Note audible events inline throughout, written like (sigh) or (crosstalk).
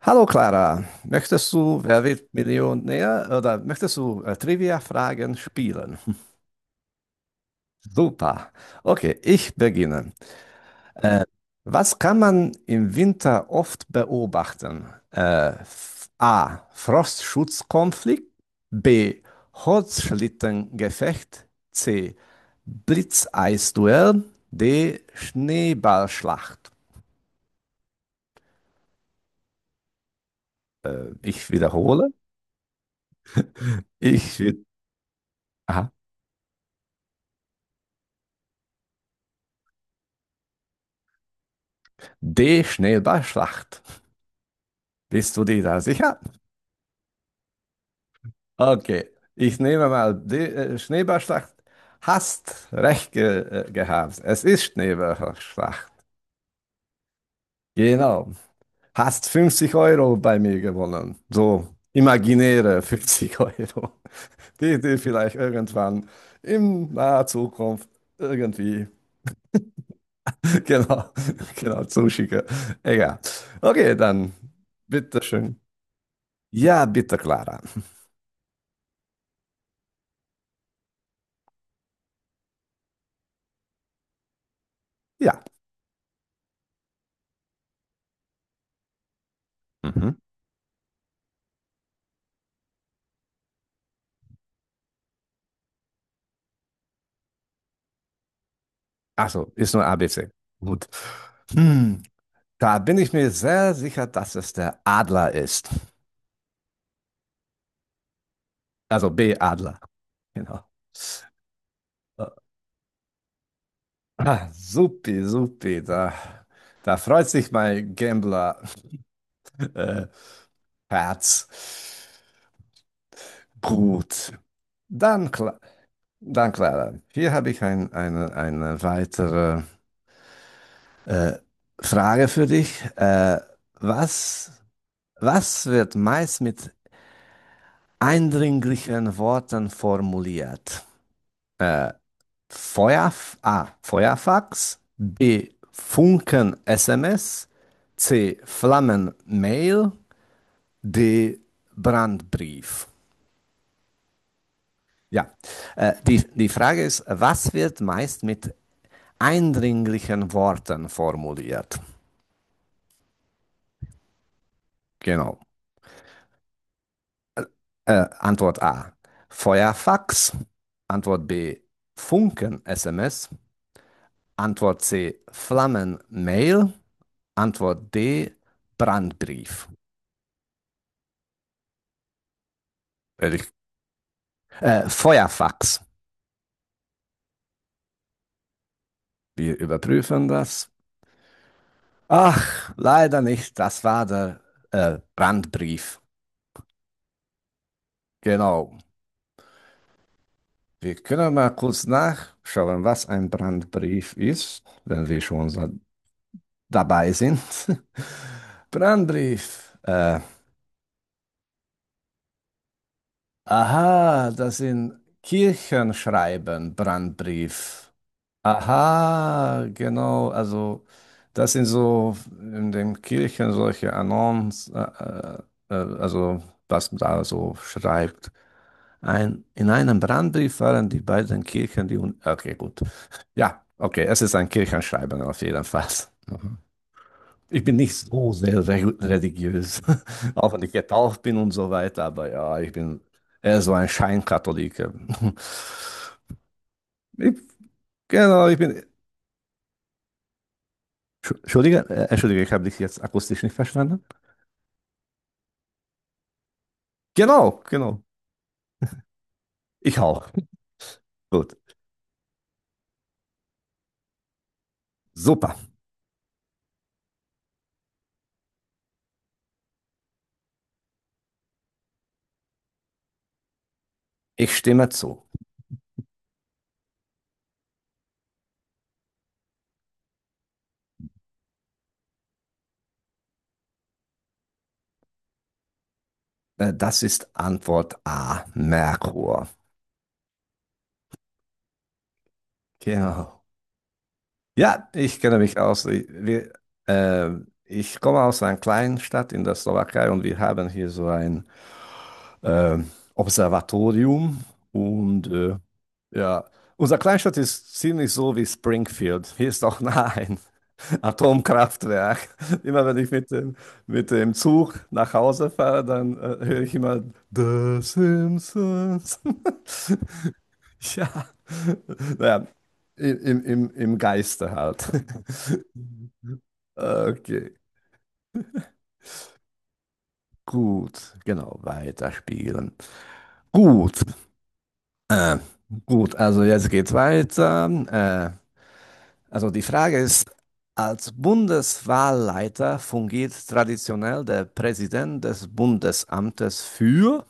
Hallo Clara, möchtest du Wer wird Millionär oder möchtest du Trivia-Fragen spielen? Super. Okay, ich beginne. Äh, was kann man im Winter oft beobachten? A. Frostschutzkonflikt. B. Holzschlittengefecht. C. Blitzeisduell. D. Schneeballschlacht. Ich wiederhole. Ich, wi- aha. D. Schneeballschlacht. Bist du dir da sicher? Okay, ich nehme mal die Schneeballschlacht. Hast recht ge gehabt. Es ist Schneeballschlacht. Genau. Hast 50 € bei mir gewonnen. So imaginäre (laughs) 50 Euro, die dir vielleicht irgendwann in naher Zukunft irgendwie (laughs) genau, genau zuschicke. Egal. Okay, dann bitteschön. Ja, bitte, Clara. Ja. Mhm. Achso, ist nur ABC. Gut. Hm, da bin ich mir sehr sicher, dass es der Adler ist. Also B, Adler. Genau. Äh, Supi, supi, da freut sich mein Gambler, (laughs) äh, Herz. Gut. Dann, Cla- dann Clara, hier habe ich eine weitere äh, Frage für dich. Was, was wird meist mit eindringlichen Worten formuliert? Feuerf A. Feuerfax, B. Funken-SMS, C. Flammen-Mail, D. Brandbrief. Ja, die Frage ist, was wird meist mit eindringlichen Worten formuliert? Genau. Antwort A. Feuerfax. Antwort B. Funken-SMS. Antwort C. Flammen-Mail. Antwort D, Brandbrief. Äh, Feuerfax. Wir überprüfen das. Ach, leider nicht. Das war der Brandbrief. Genau. Wir können mal kurz nachschauen, was ein Brandbrief ist, wenn wir schon so dabei sind. (laughs) Brandbrief. Aha, das sind Kirchenschreiben, Brandbrief. Aha, genau, also das sind so in den Kirchen solche Annons, also was man da so schreibt. In einem Brandbrief waren die beiden Kirchen, die. Un okay, gut. Ja, okay, es ist ein Kirchenschreiben auf jeden Fall. Mhm. Ich bin nicht so sehr re religiös, (laughs) auch wenn ich getauft bin und so weiter, aber ja, ich bin eher so ein Scheinkatholiker. (laughs) Ich, genau, ich bin. Entschuldige, ich habe dich jetzt akustisch nicht verstanden. Genau, genau. Ich auch. Gut. Super. Ich stimme zu. Das ist Antwort A, Merkur. Genau. Ja, ich kenne mich aus. Äh, ich komme aus einer kleinen Stadt in der Slowakei und wir haben hier so ein ähm, Observatorium. Und ja, unsere Kleinstadt ist ziemlich so wie Springfield. Hier ist auch (laughs) nah ein Atomkraftwerk. (laughs) Immer wenn ich mit dem Zug nach Hause fahre, dann höre ich immer The Simpsons. (laughs) Ja, naja, im Geiste halt. (laughs) Okay, gut, genau, weiterspielen. Gut, äh, gut, also jetzt geht's weiter. Also die Frage ist, als Bundeswahlleiter fungiert traditionell der Präsident des Bundesamtes für.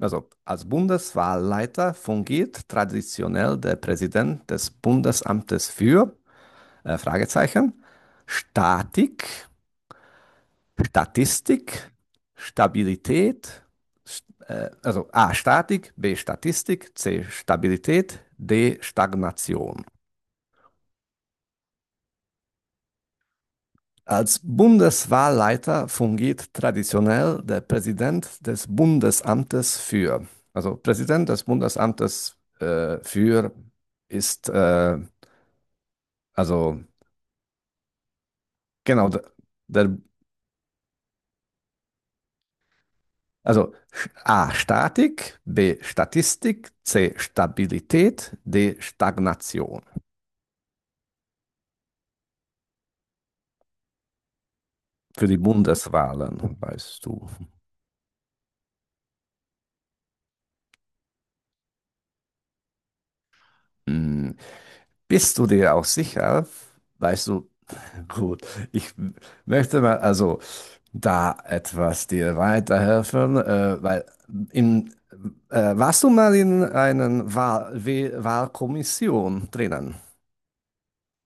Also, als Bundeswahlleiter fungiert traditionell der Präsident des Bundesamtes für Fragezeichen, Statik, Statistik, Stabilität, also A Statik, B Statistik, C Stabilität, D Stagnation. Als Bundeswahlleiter fungiert traditionell der Präsident des Bundesamtes für. Also Präsident des Bundesamtes für ist also, genau, der, also A, Statik, B, Statistik, C, Stabilität, D, Stagnation. Für die Bundeswahlen, weißt du. Hm, Bist du dir auch sicher? Weißt du, gut, ich möchte mal also da etwas dir weiterhelfen, weil in, warst du mal in einer Wahlkommission drinnen?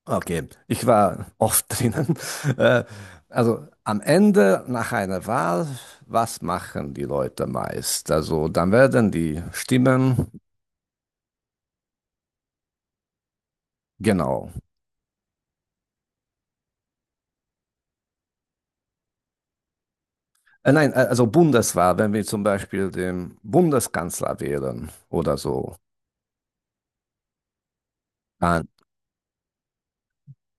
Okay, ich war oft drinnen. (laughs) Äh, also am Ende nach einer Wahl, was machen die Leute meist? Also dann werden die Stimmen, genau. Nein, also Bundeswahl, wenn wir zum Beispiel den Bundeskanzler wählen oder so. Dann,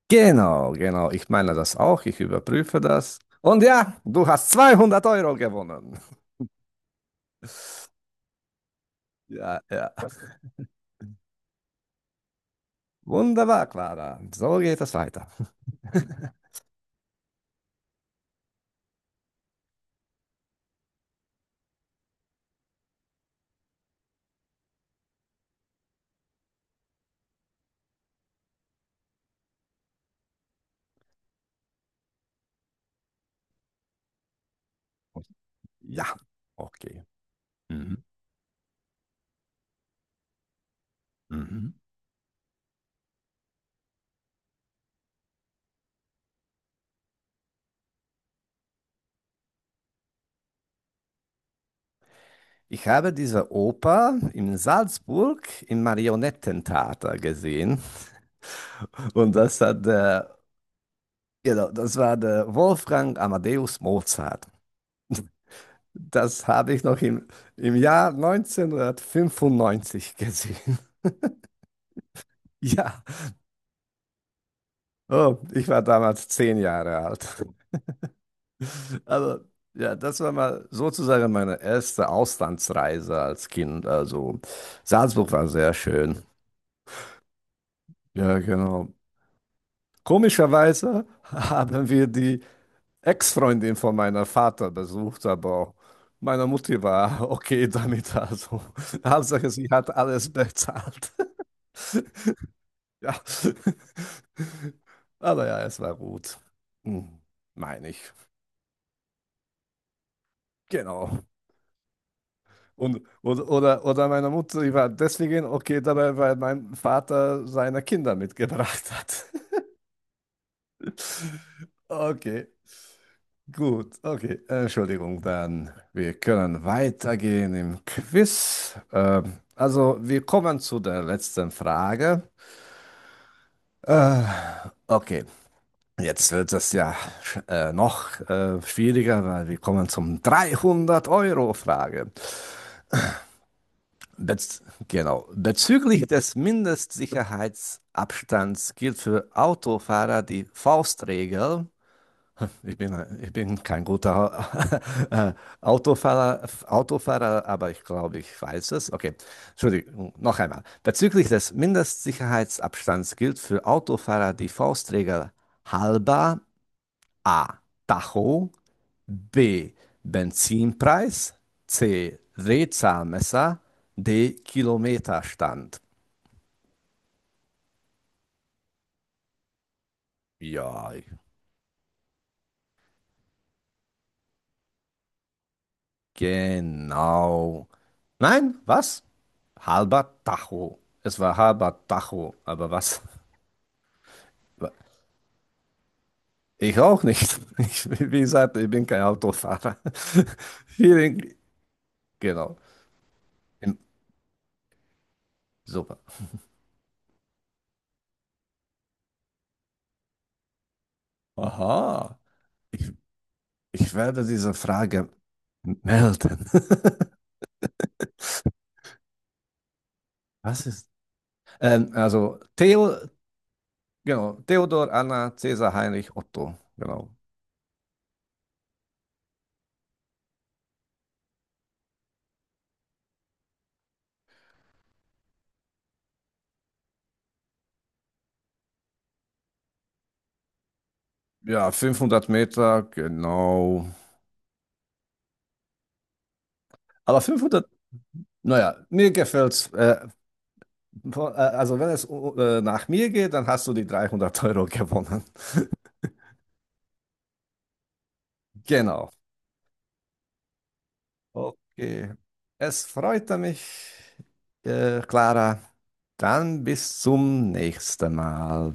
genau, genau, ich meine das auch, ich überprüfe das. Und ja, du hast 200 Euro gewonnen. (laughs) Ja, ja. Wunderbar, Clara. So geht es weiter. (laughs) Ja, okay. Mhm. Mhm. Ich habe diese Oper in Salzburg im Marionettentheater gesehen. Und das hat der, genau, das war der Wolfgang Amadeus Mozart. Das habe ich noch im Jahr 1995 gesehen. (laughs) Ja, oh, ich war damals 10 Jahre alt. (laughs) Aber ja, das war mal sozusagen meine erste Auslandsreise als Kind. Also Salzburg war sehr schön. Ja, genau. Komischerweise (laughs) haben wir die Ex-Freundin von meiner Vater besucht, aber meiner Mutti war (laughs) okay damit. Also, (laughs) Hauptsache, sie hat alles bezahlt. (laughs) Ja, aber ja, es war gut. Hm, Meine ich. Genau. Oder meine Mutter, die war deswegen okay dabei, weil mein Vater seine Kinder mitgebracht hat. (laughs) Okay. Gut, okay. Entschuldigung, dann wir können weitergehen im Quiz. Also wir kommen zu der letzten Frage. Äh, okay, jetzt wird es ja noch schwieriger, weil wir kommen zum 300-Euro-Frage. Bez genau. Bezüglich des Mindestsicherheitsabstands gilt für Autofahrer die Faustregel. Ich bin, ich bin kein guter (laughs) Autofahrer, Autofahrer, aber ich glaube, ich weiß es. Okay, Entschuldigung, noch einmal. Bezüglich des Mindestsicherheitsabstands gilt für Autofahrer die Faustregel halber A. Tacho, B. Benzinpreis, C. Drehzahlmesser, D. Kilometerstand. Ja, ich Genau. Nein, was? Halber Tacho. Es war halber Tacho, aber was? Ich auch nicht. (laughs) Ich, wie gesagt, ich bin kein Autofahrer. (laughs) Vielen, genau. Im- Super. Aha. Ich, ich werde diese Frage melden. (laughs) Was ist? Also genau, Theodor, Anna, Cäsar, Heinrich, Otto. Genau. Ja, 500 Meter, genau. Aber 500, naja, mir gefällt's. Also wenn es nach mir geht, dann hast du die 300 € gewonnen. (laughs) Genau. Okay. Es freute mich, Clara. Dann bis zum nächsten Mal.